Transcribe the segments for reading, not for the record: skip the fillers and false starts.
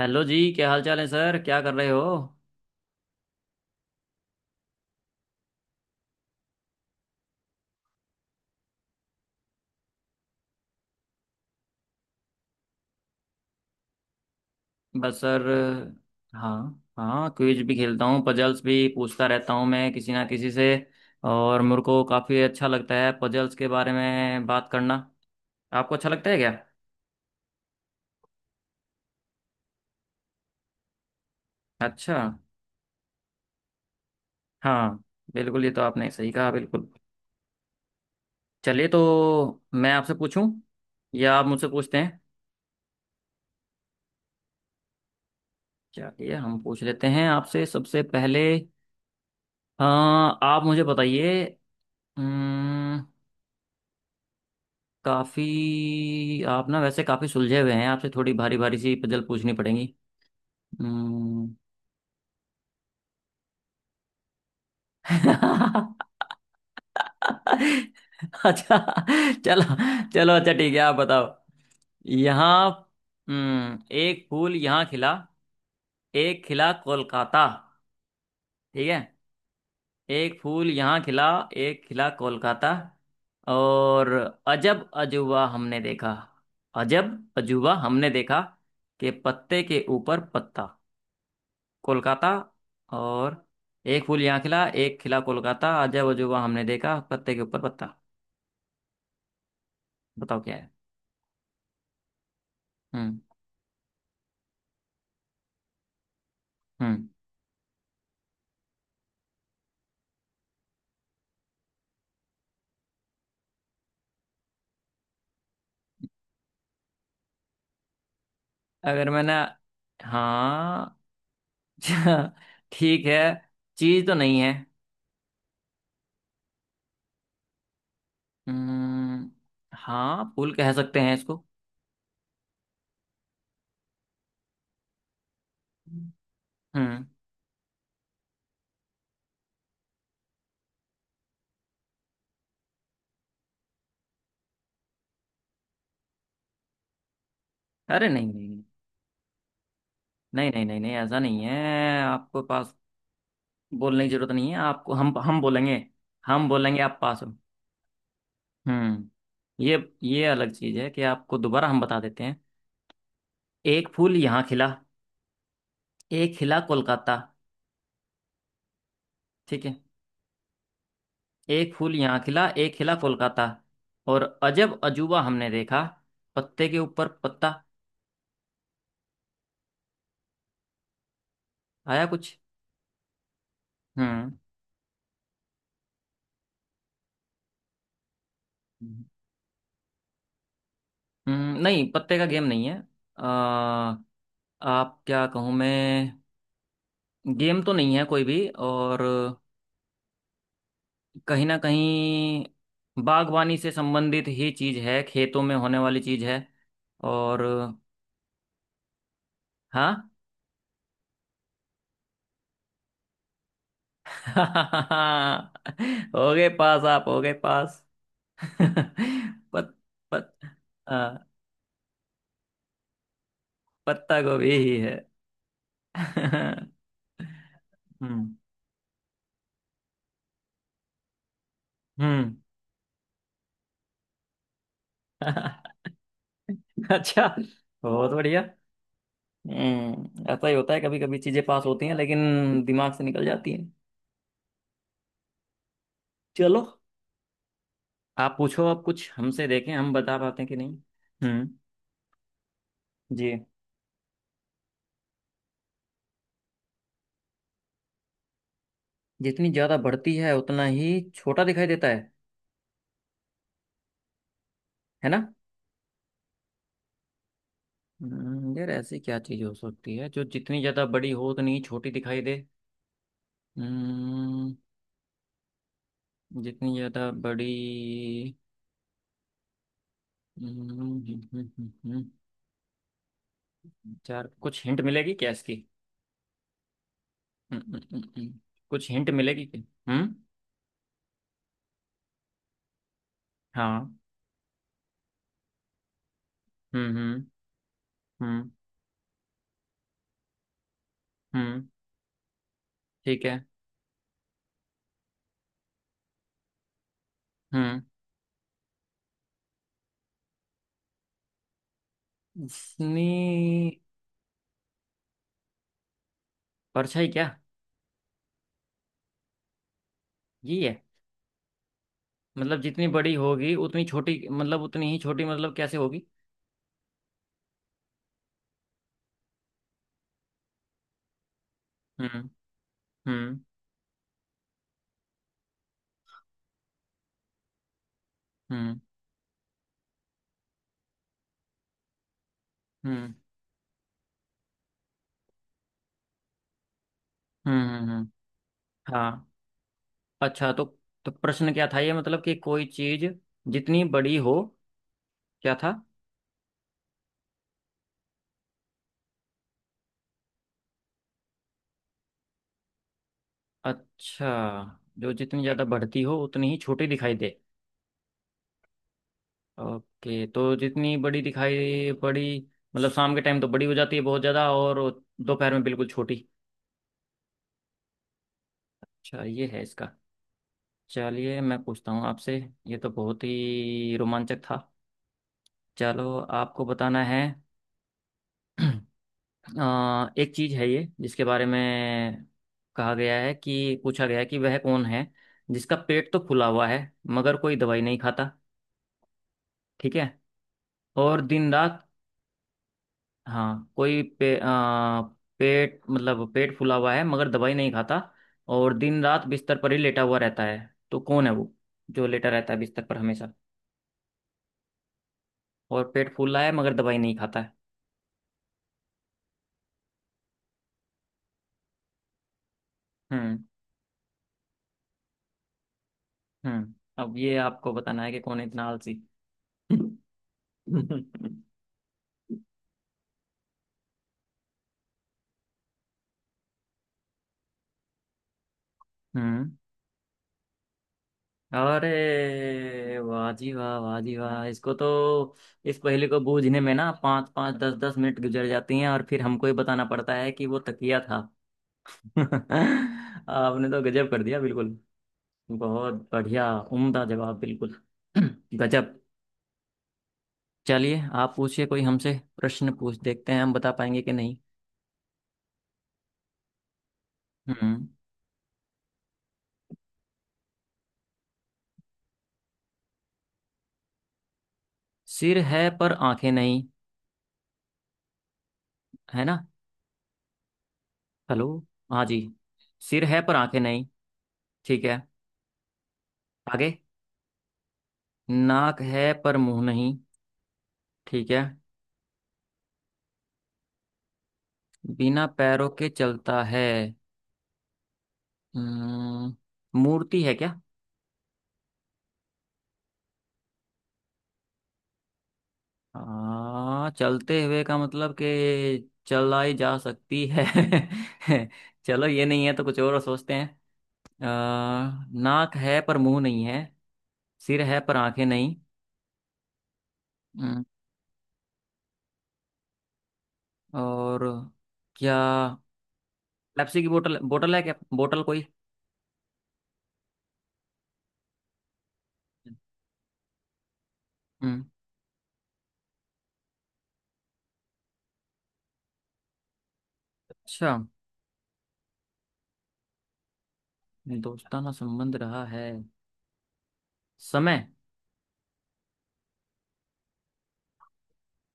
Hello जी। क्या हाल चाल है सर? क्या कर रहे हो? बस सर। हाँ। हाँ, क्विज भी खेलता हूँ, पजल्स भी पूछता रहता हूँ मैं किसी ना किसी से। और मेरे को काफ़ी अच्छा लगता है पजल्स के बारे में बात करना। आपको अच्छा लगता है क्या? अच्छा। हाँ, बिल्कुल, ये तो आपने सही कहा, बिल्कुल। चलिए, तो मैं आपसे पूछूं या आप मुझसे पूछते हैं? चलिए, हम पूछ लेते हैं आपसे सबसे पहले। हाँ, आप मुझे बताइए। काफी आप ना, वैसे काफी सुलझे हुए हैं, आपसे थोड़ी भारी भारी सी पजल पूछनी पड़ेंगी। हम्म। अच्छा। चलो, चलो, अच्छा, ठीक है, आप बताओ। यहाँ। एक फूल यहाँ खिला, एक खिला कोलकाता। ठीक है। एक फूल यहाँ खिला, एक खिला कोलकाता, और अजब अजूबा हमने देखा। अजब अजूबा हमने देखा कि पत्ते के ऊपर पत्ता कोलकाता। और एक फूल यहाँ खिला, एक खिला कोलकाता, अजब अजूबा हमने देखा, पत्ते के ऊपर पत्ता। बताओ क्या है? हम्म। हम्म। अगर मैंने… हाँ। ठीक है। चीज तो नहीं है। हम्म। हाँ, फूल कह सकते हैं इसको। हम्म। अरे, नहीं नहीं नहीं नहीं नहीं नहीं नहीं, ऐसा नहीं है, आपको पास बोलने की जरूरत नहीं है, आपको हम बोलेंगे। हम बोलेंगे आप पास हो। हम्म। ये ये अलग चीज है कि आपको दोबारा हम बता देते हैं। एक फूल यहाँ खिला, एक खिला कोलकाता। ठीक है। एक फूल यहाँ खिला, एक खिला कोलकाता, और अजब अजूबा हमने देखा, पत्ते के ऊपर पत्ता। आया कुछ? हम्म। नहीं, पत्ते का गेम नहीं है। आ, आप क्या कहूँ मैं। गेम तो नहीं है कोई भी। और कहीं ना कहीं बागवानी से संबंधित ही चीज है, खेतों में होने वाली चीज है। और हाँ। हो गए पास, आप हो गए पास। पत पत हाँ, पत्ता गोभी ही है। हम्म। हम्म। अच्छा। बहुत बढ़िया। हम्म, ऐसा ही होता है, कभी कभी चीजें पास होती हैं लेकिन दिमाग से निकल जाती हैं। चलो, आप पूछो, आप कुछ हमसे देखें हम बता पाते हैं कि नहीं। हम्म। जी। जितनी ज्यादा बढ़ती है उतना ही छोटा दिखाई देता है ना? यार, ऐसी क्या चीज हो सकती है जो जितनी ज्यादा बड़ी हो उतनी ही छोटी दिखाई दे? हम्म। जितनी ज्यादा बड़ी। हम्म। चार, कुछ हिंट मिलेगी क्या इसकी? हम्म। हम्म। हम्म। हम्म। कुछ हिंट मिलेगी क्या? हम्म। हाँ। हम्म। हम्म। हम्म। हम्म। ठीक है। हम्म। जितनी… परछाई, क्या ये है? मतलब जितनी बड़ी होगी उतनी छोटी, मतलब उतनी ही छोटी, मतलब कैसे होगी? हम्म। हम्म। हम्म। हम्म। हम्म। हम्म। हम्म। हाँ। अच्छा, तो… तो प्रश्न क्या था? ये मतलब कि कोई चीज जितनी बड़ी हो, क्या था? अच्छा, जो जितनी ज़्यादा बढ़ती हो उतनी ही छोटी दिखाई दे। ओके, तो जितनी बड़ी दिखाई बड़ी, मतलब शाम के टाइम तो बड़ी हो जाती है बहुत ज़्यादा, और दोपहर में बिल्कुल छोटी। अच्छा, ये है इसका। चलिए, मैं पूछता हूँ आपसे। ये तो बहुत ही रोमांचक था। चलो, आपको बताना है। एक चीज़ है ये, जिसके बारे में कहा गया है, कि पूछा गया है कि वह कौन है जिसका पेट तो फूला हुआ है मगर कोई दवाई नहीं खाता। ठीक है। और दिन रात। हाँ। कोई पेट मतलब, पेट फूला हुआ है मगर दवाई नहीं खाता, और दिन रात बिस्तर पर ही लेटा हुआ रहता है। तो कौन है वो जो लेटा रहता है बिस्तर पर हमेशा, और पेट फूला है मगर दवाई नहीं खाता है? हम्म। हम्म। अब ये आपको बताना है कि कौन है इतना आलसी। हम्म। अरे वाह जी वाह, वाह जी वाह, इसको तो, इस पहेली को बूझने में ना 5 5 10 10 मिनट गुजर जाती हैं और फिर हमको ही बताना पड़ता है कि वो तकिया था। आपने तो गजब कर दिया बिल्कुल। बहुत बढ़िया, उम्दा जवाब, बिल्कुल। गजब। चलिए, आप पूछिए कोई हमसे प्रश्न पूछ, देखते हैं हम बता पाएंगे कि नहीं। हम्म। सिर है पर आंखें नहीं, है ना? हेलो। हाँ जी। सिर है पर आंखें नहीं। ठीक है। आगे। नाक है पर मुंह नहीं। ठीक है। बिना पैरों के चलता है। हम्म, मूर्ति है क्या? हाँ, चलते हुए का मतलब कि चलाई जा सकती है। चलो, ये नहीं है तो कुछ और सोचते हैं। अ, नाक है पर मुंह नहीं है, सिर है पर आंखें नहीं। हम्म। और क्या? पेप्सी की बोतल, बोतल है क्या, बोतल कोई? हम्म। अच्छा। दोस्ताना संबंध रहा है। समय?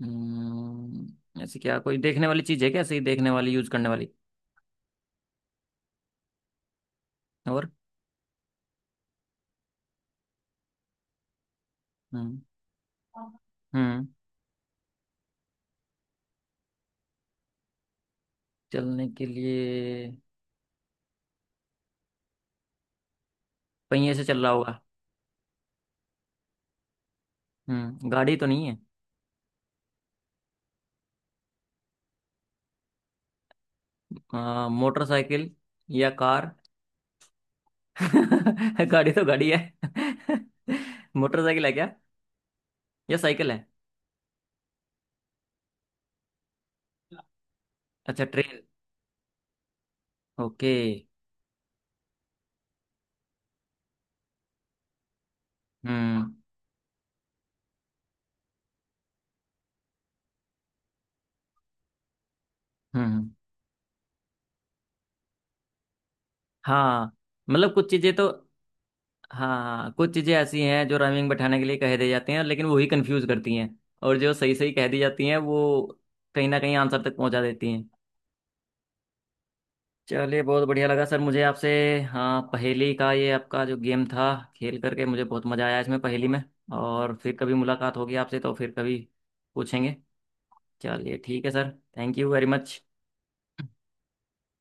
ऐसी क्या कोई देखने वाली चीज है क्या, ऐसे ही देखने वाली, यूज करने वाली? और? हम्म। हम्म। चलने के लिए। पहिए से चल रहा होगा? हम्म, गाड़ी तो नहीं है। मोटरसाइकिल या कार? गाड़ी तो गाड़ी है। मोटरसाइकिल है क्या या साइकिल है? अच्छा, ट्रेन। ओके। हम्म। हम्म। हम्म। हाँ। मतलब कुछ चीजें तो, हाँ। हाँ, कुछ चीजें ऐसी हैं जो राइमिंग बैठाने के लिए कह दी जाती हैं, लेकिन वो ही कंफ्यूज करती हैं। और जो सही सही कह दी जाती हैं वो कहीं ना कहीं आंसर तक पहुंचा देती हैं। चलिए, बहुत बढ़िया लगा सर मुझे आपसे। हाँ, पहेली का ये आपका जो गेम था, खेल करके मुझे बहुत मज़ा आया, इसमें पहेली में। और फिर कभी मुलाकात होगी आपसे तो फिर कभी पूछेंगे। चलिए, ठीक है sir. Thank you very much.